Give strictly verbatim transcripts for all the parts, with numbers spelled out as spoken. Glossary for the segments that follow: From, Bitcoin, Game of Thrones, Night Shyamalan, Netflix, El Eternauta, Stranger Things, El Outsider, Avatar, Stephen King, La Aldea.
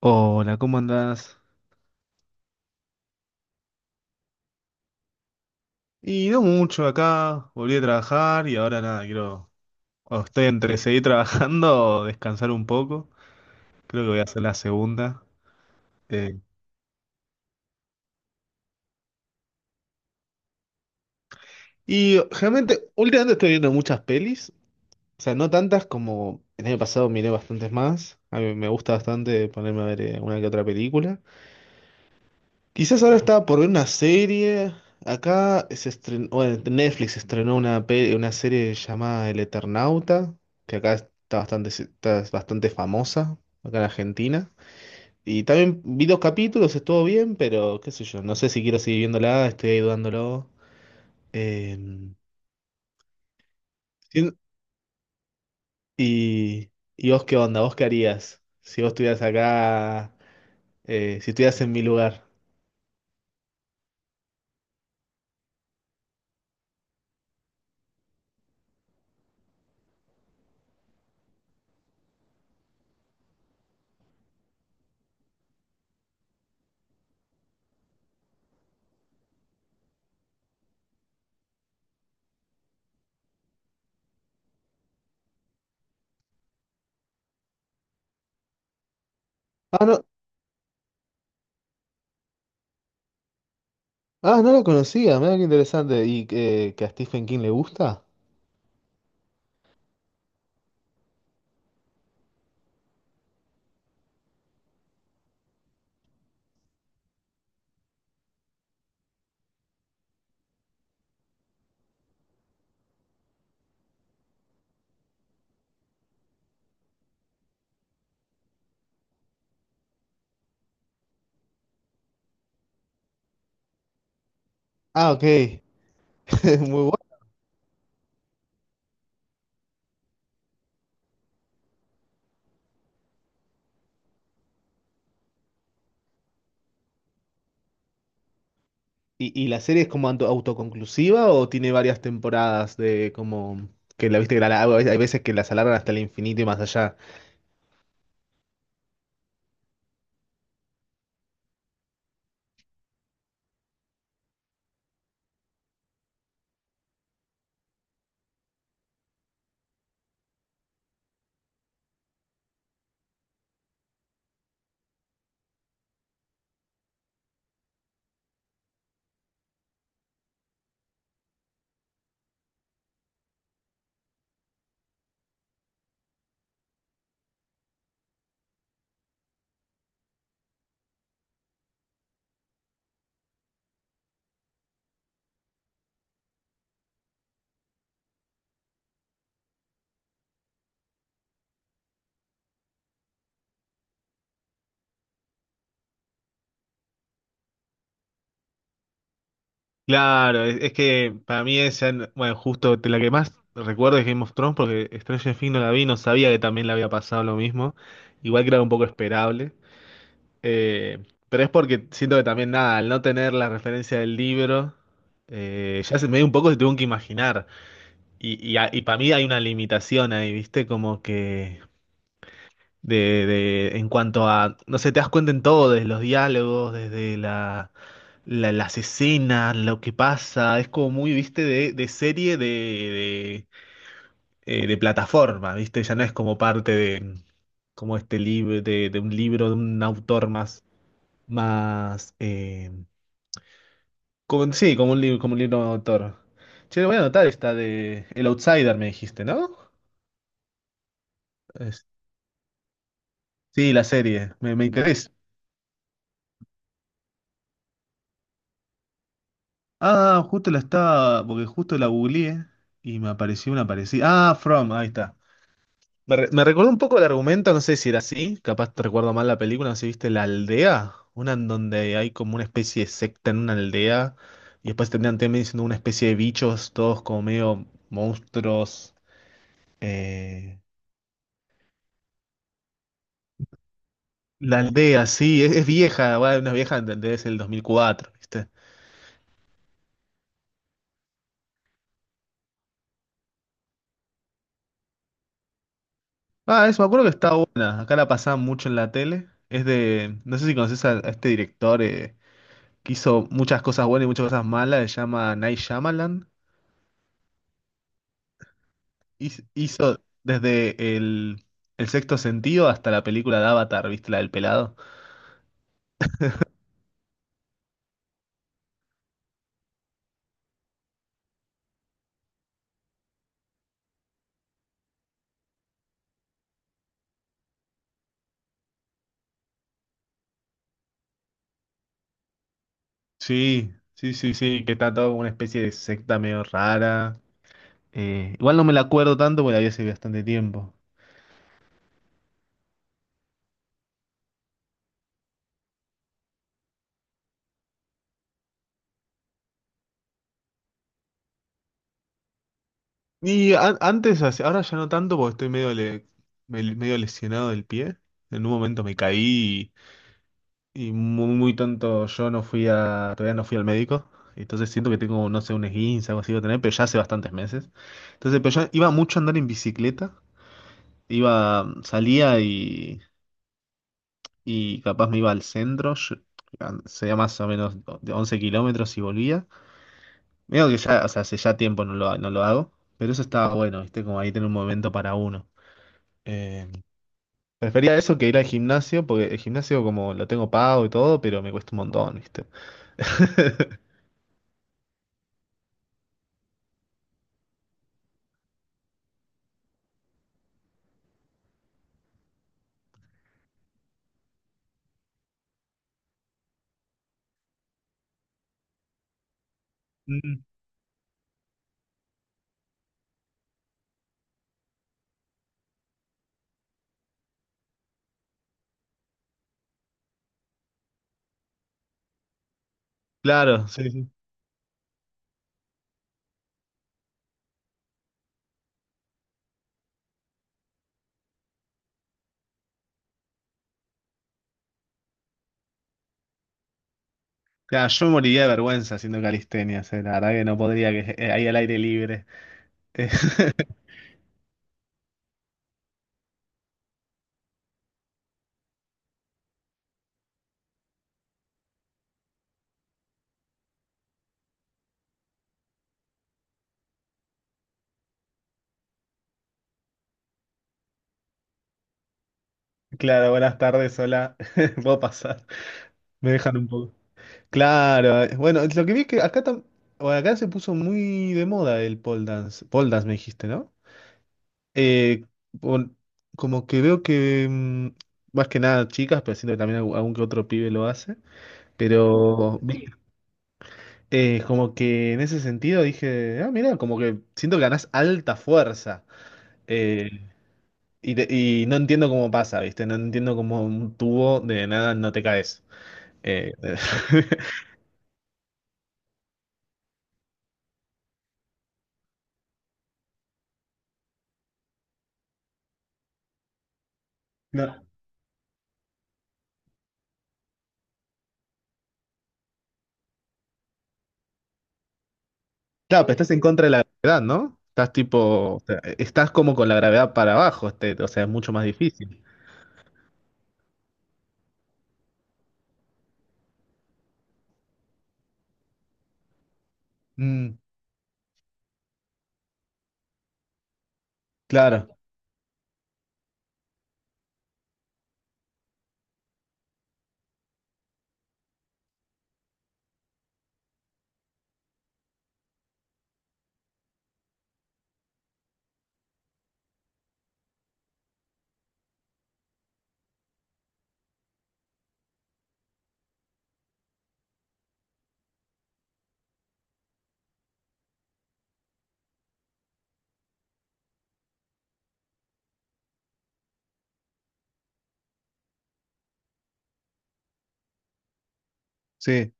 Hola, ¿cómo andás? Y no mucho acá, volví a trabajar y ahora nada, quiero... O estoy entre seguir trabajando o descansar un poco. Creo que voy a hacer la segunda. Eh, Y realmente, últimamente estoy viendo muchas pelis. O sea, no tantas como el año pasado, miré bastantes más. A mí me gusta bastante ponerme a ver eh, una que otra película. Quizás ahora estaba por ver una serie. Acá se estrenó, bueno, Netflix estrenó una, pe- una serie llamada El Eternauta, que acá está bastante, está bastante famosa, acá en Argentina. Y también vi dos capítulos, estuvo bien, pero qué sé yo, no sé si quiero seguir viéndola, estoy ahí dudándolo. Eh, sí, y, ¿y vos qué onda? ¿Vos qué harías si vos estuvieras acá, eh, si estuvieras en mi lugar? Ah, no, ah, no la conocía, mira qué interesante. ¿Y eh, que a Stephen King le gusta? Ah, ok. Muy bueno. ¿Y, y la serie es como auto- autoconclusiva o tiene varias temporadas de como que la viste que la, la- hay veces que las alargan hasta el infinito y más allá? Claro, es, es que para mí esa, bueno, justo de la que más recuerdo es Game of Thrones, porque Stranger Things no la vi, no sabía que también le había pasado lo mismo, igual que era un poco esperable. Eh, pero es porque siento que también nada, al no tener la referencia del libro, eh, ya se me dio un poco, se tuvo que imaginar. Y, y, a- y para mí hay una limitación ahí, ¿viste? Como que de, de- en cuanto a, no sé, te das cuenta en todo, desde los diálogos, desde la, la- las escenas, lo que pasa, es como muy, ¿viste? De, de serie de, de, eh, de plataforma, ¿viste? Ya no es como parte de, como este libro, de, de un libro, de un autor más, más, eh, como, sí, como un libro, como un libro de autor. Che, lo voy a anotar esta de El Outsider, me dijiste, ¿no? Sí, la serie, me, me interesa. Ah, justo la estaba, porque justo la googleé y me apareció una parecida. Ah, From, ahí está. Me, re- me recordó un poco el argumento, no sé si era así, capaz te recuerdo mal la película, no sé si viste La Aldea, una en donde hay como una especie de secta en una aldea y después terminan también siendo una especie de bichos, todos como medio monstruos. eh, La Aldea, sí, es, es vieja, va, una vieja, entendés, el dos mil cuatro, ¿viste? Ah, eso, me acuerdo que está buena. Acá la pasaban mucho en la tele. Es de. No sé si conoces a, a este director eh, que hizo muchas cosas buenas y muchas cosas malas. Se llama Night Shyamalan. Hiz- Hizo desde el, el sexto sentido hasta la película de Avatar, ¿viste? La del pelado. Sí, sí, sí, sí. Que está todo como una especie de secta medio rara. Eh, igual no me la acuerdo tanto porque la vi hace bastante tiempo. Y an- antes, hace- ahora ya no tanto porque estoy medio, le- me- medio lesionado del pie. En un momento me caí y muy, muy tonto, yo no fui a, todavía no fui al médico, entonces siento que tengo, no sé, un esguince, algo así voy a tener, pero ya hace bastantes meses. Entonces, pero yo iba mucho a andar en bicicleta, iba, salía y, y capaz me iba al centro, yo- an- sería más o menos de once kilómetros y volvía. Veo que ya, o sea, hace ya tiempo no lo, no lo hago, pero eso estaba bueno, ¿viste? Como ahí tener un momento para uno. Eh, Prefería eso que ir al gimnasio, porque el gimnasio como lo tengo pago y todo, pero me cuesta un montón, ¿viste? Claro, sí, sí. Claro, yo moriría de vergüenza haciendo calistenia. eh, La verdad que no podría, que eh, ahí al aire libre. Eh, claro, buenas tardes, hola. Puedo pasar. Me dejan un poco. Claro, eh, bueno, lo que vi es que acá, tam- bueno, acá se puso muy de moda el pole dance. Pole dance me dijiste, ¿no? Eh, pon- Como que veo que mm, más que nada chicas, pero siento que también algún algún que otro pibe lo hace. Pero vi eh, como que en ese sentido dije, ah, mira, como que siento que ganás alta fuerza. Eh, y, te- y no entiendo cómo pasa, ¿viste? No entiendo cómo un tubo de nada no te caes. Eh, no. Claro, pero estás en contra de la gravedad, ¿no? Estás tipo, o sea, estás como con la gravedad para abajo, este, o sea, es mucho más difícil. Mm, claro, sí.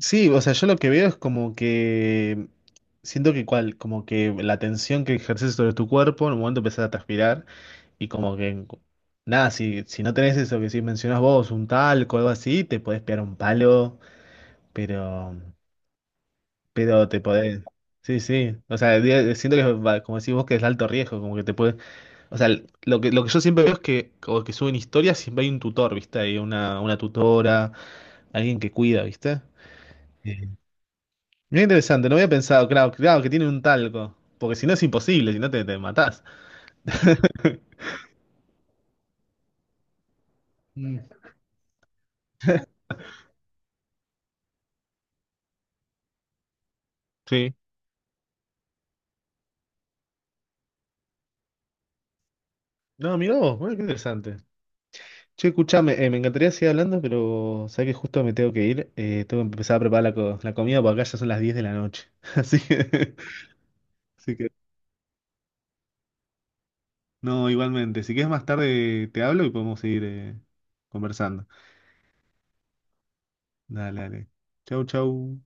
Sí, o sea, yo lo que veo es como que siento que cual, como que la tensión que ejerces sobre tu cuerpo en un momento empezás a transpirar y como que nada, si, si no tenés eso que si mencionás vos, un talco o algo así, te podés pegar un palo, pero pero te podés. Sí, sí. O sea, di- siento que va- como decís vos que es alto riesgo, como que te puedes, o sea, lo que, lo que yo siempre veo es que como que suben historias, siempre hay un tutor, ¿viste? Hay una, una tutora, alguien que cuida, ¿viste? Muy interesante, no había pensado, claro, claro, que tiene un talco. Porque si no es imposible, si no te, te matás. Mm, sí. No, mirá vos, bueno, qué interesante. Che, escuchame, eh, me encantaría seguir hablando, pero sabés que justo me tengo que ir. Eh, tengo que empezar a preparar la, co- la comida porque acá ya son las diez de la noche. Así que, así que, no, igualmente. Si quieres más tarde te hablo y podemos seguir eh, conversando. Dale, dale. Chau, chau.